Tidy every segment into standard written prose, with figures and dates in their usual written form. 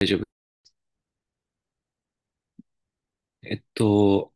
大丈夫。えっと、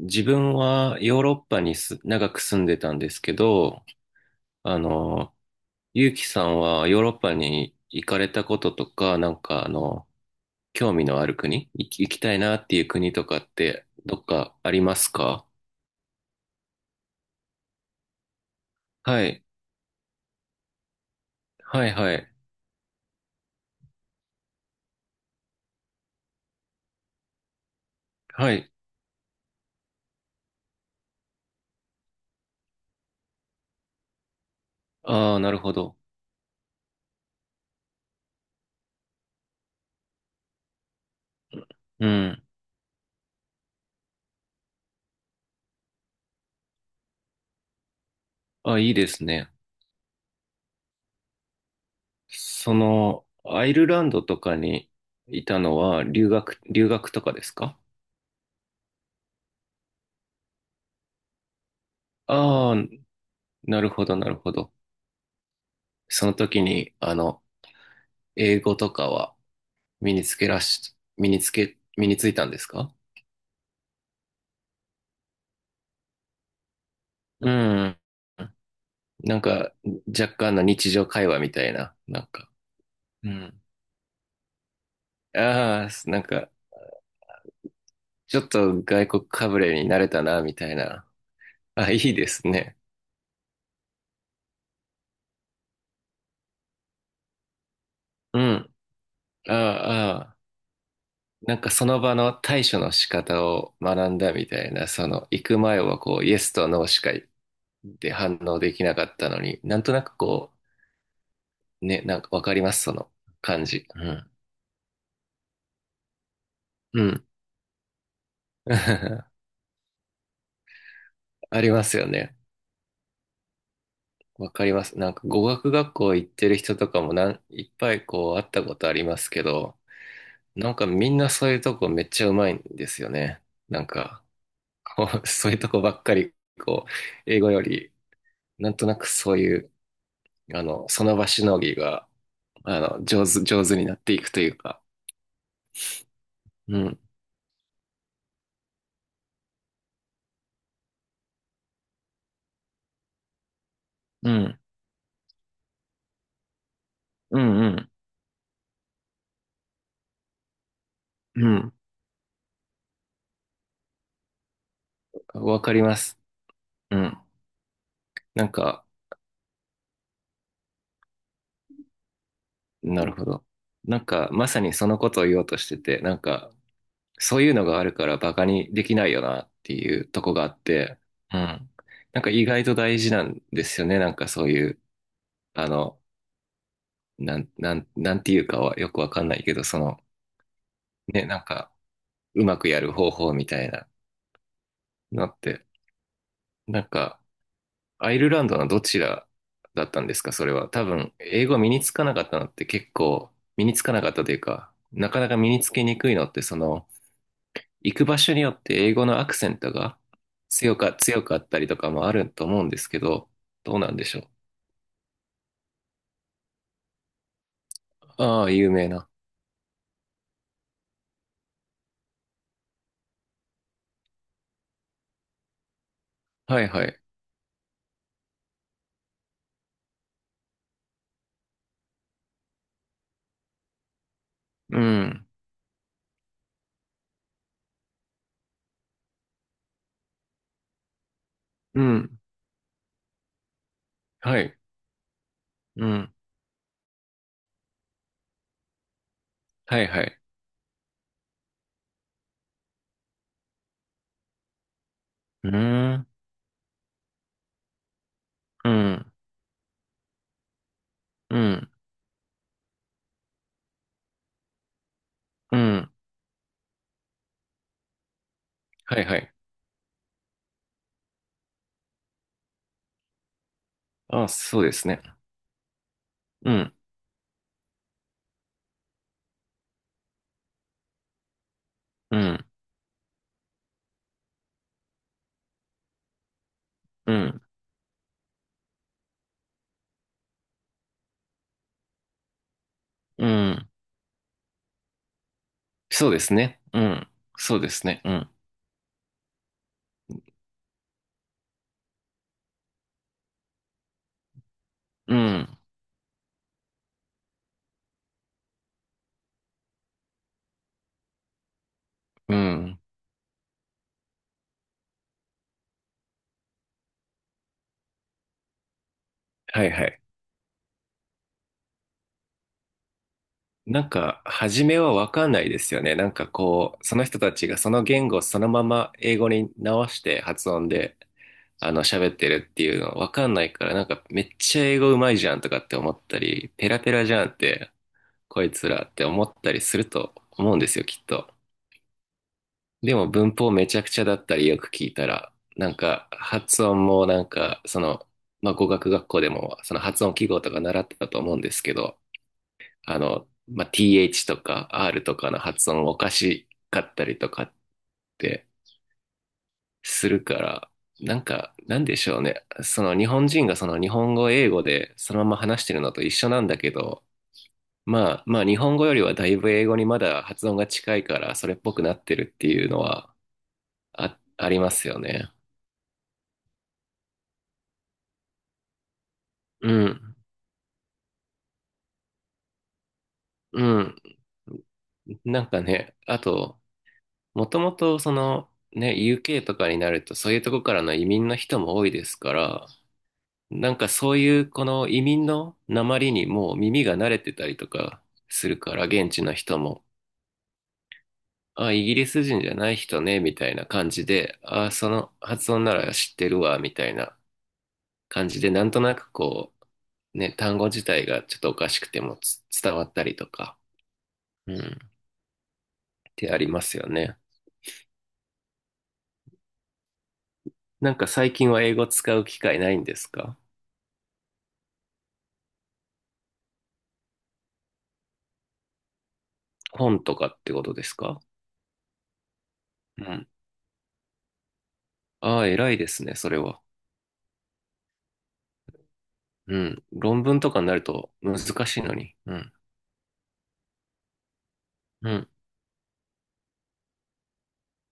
自分はヨーロッパに長く住んでたんですけど、あの、ゆうきさんはヨーロッパに行かれたこととか、なんか興味のある国、行きたいなっていう国とかってどっかありますか？はい。はい、はい。はい。ああ、なるほど。うん。あ、いいですね。その、アイルランドとかにいたのは留学とかですか？ああー、なるほど、なるほど。その時に、英語とかは身につけらし、身につけ、身についたんですか？うん。なんか、若干の日常会話みたいな、なんか、うん。ああ、なんか、ちょっと外国かぶれになれたな、みたいな。あ、いいですね。うん。ああ、ああ。なんかその場の対処の仕方を学んだみたいな、行く前はこう、イエスとノーしかで反応できなかったのに、なんとなくこね、なんかわかります、その感じ。うん。うん。ありますよね。わかります。なんか語学学校行ってる人とかもいっぱいこう会ったことありますけど、なんかみんなそういうとこめっちゃうまいんですよね。なんか、こう、そういうとこばっかり、こう、英語より、なんとなくそういう、その場しのぎが、上手になっていくというか。うん。うん。うんうん。うん。わかります。うん。なんか、なるほど。なんか、まさにそのことを言おうとしてて、なんか、そういうのがあるからバカにできないよなっていうとこがあって、うん。なんか意外と大事なんですよね。なんかそういう、あの、なんていうかはよくわかんないけど、ね、なんか、うまくやる方法みたいなのって、なんか、アイルランドのどちらだったんですか、それは。多分、英語身につかなかったのって結構、身につかなかったというか、なかなか身につけにくいのって、行く場所によって英語のアクセントが強かったりとかもあると思うんですけど、どうなんでしょう。ああ、有名な。はいはい。うん。うん。はい。うん。はいはい。うーん。うん。うん。うん。はいはい。ああ、そうですね。うん。うん。うん。うん。そうですね。うん。そうですね。うん。うん。うん。はいはい。なんか、初めはわかんないですよね。なんかこう、その人たちがその言語をそのまま英語に直して発音で、喋ってるっていうのわかんないから、なんかめっちゃ英語うまいじゃんとかって思ったり、ペラペラじゃんって、こいつらって思ったりすると思うんですよ、きっと。でも文法めちゃくちゃだったりよく聞いたら、なんか発音もなんか、まあ、語学学校でもその発音記号とか習ってたと思うんですけど、まあ、TH とか R とかの発音おかしかったりとかってするから、なんか、なんでしょうね。その日本人がその日本語、英語でそのまま話してるのと一緒なんだけど、まあ、まあ日本語よりはだいぶ英語にまだ発音が近いからそれっぽくなってるっていうのはあ、ありますよね。うん。うん。なんかね、あと、もともとそのね、UK とかになるとそういうとこからの移民の人も多いですから、なんかそういうこの移民の訛りにもう耳が慣れてたりとかするから現地の人も、あ、イギリス人じゃない人ね、みたいな感じで、あ、その発音なら知ってるわ、みたいな感じで、なんとなくこう、ね、単語自体がちょっとおかしくても伝わったりとか、うん、ってありますよね。なんか最近は英語使う機会ないんですか？本とかってことですか？うん。ああ、偉いですね、それは。うん。論文とかになると難しいのに。うん。うん、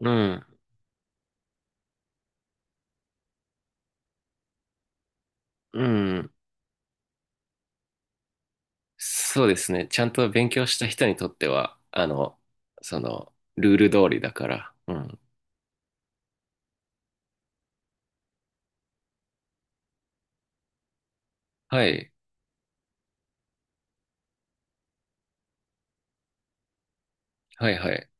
うん、うん。そうですね。ちゃんと勉強した人にとっては、ルール通りだから。うん。はい、はい、はい。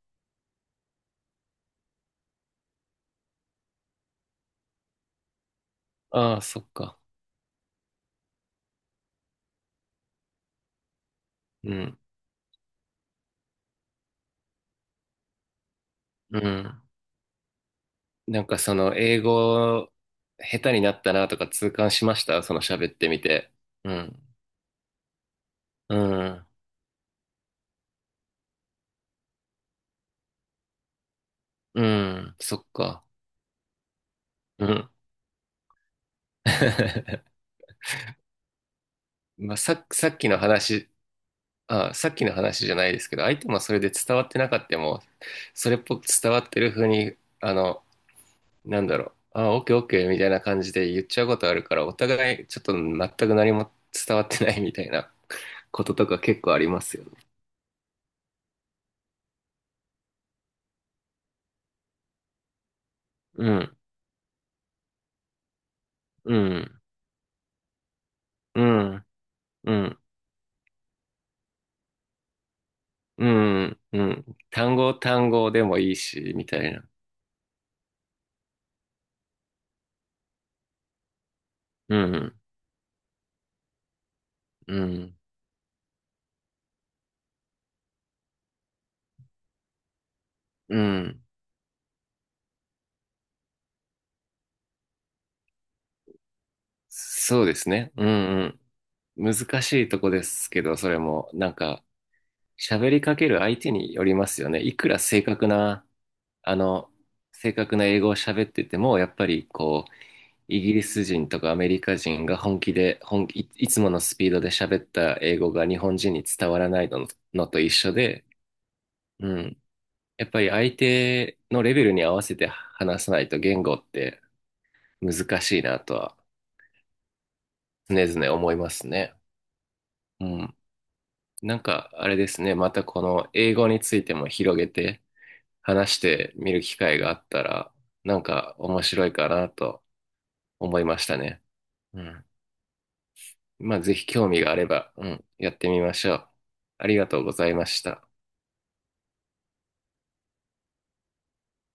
ああ、そっか。うん、うん。なんか英語、下手になったなとか痛感しましたその喋ってみて。うん、うん、うん、そっか。うん。まあ、さっきの話、あ、さっきの話じゃないですけど、相手もそれで伝わってなかったも、それっぽく伝わってる風に、あの、なんだろう、あ、オッケーオッケーみたいな感じで言っちゃうことあるから、お互いちょっと全く何も伝わってないみたいなこととか結構ありますよね。うん、うん、うん、うん、うん、うん。単語単語でもいいし、みたいな。うん、うん、うん。そうですね。うん、うん。難しいとこですけど、それも、なんか、喋りかける相手によりますよね。いくら正確な、あの、正確な英語を喋ってても、やっぱりこう、イギリス人とかアメリカ人が本気で、いつものスピードで喋った英語が日本人に伝わらないのと一緒で、うん。やっぱり相手のレベルに合わせて話さないと言語って難しいなとは常々思いますね。うん。なんか、あれですね。またこの英語についても広げて、話してみる機会があったら、なんか面白いかなと思いましたね。うん。まあ、ぜひ興味があれば、うん、やってみましょう。ありがとうございました。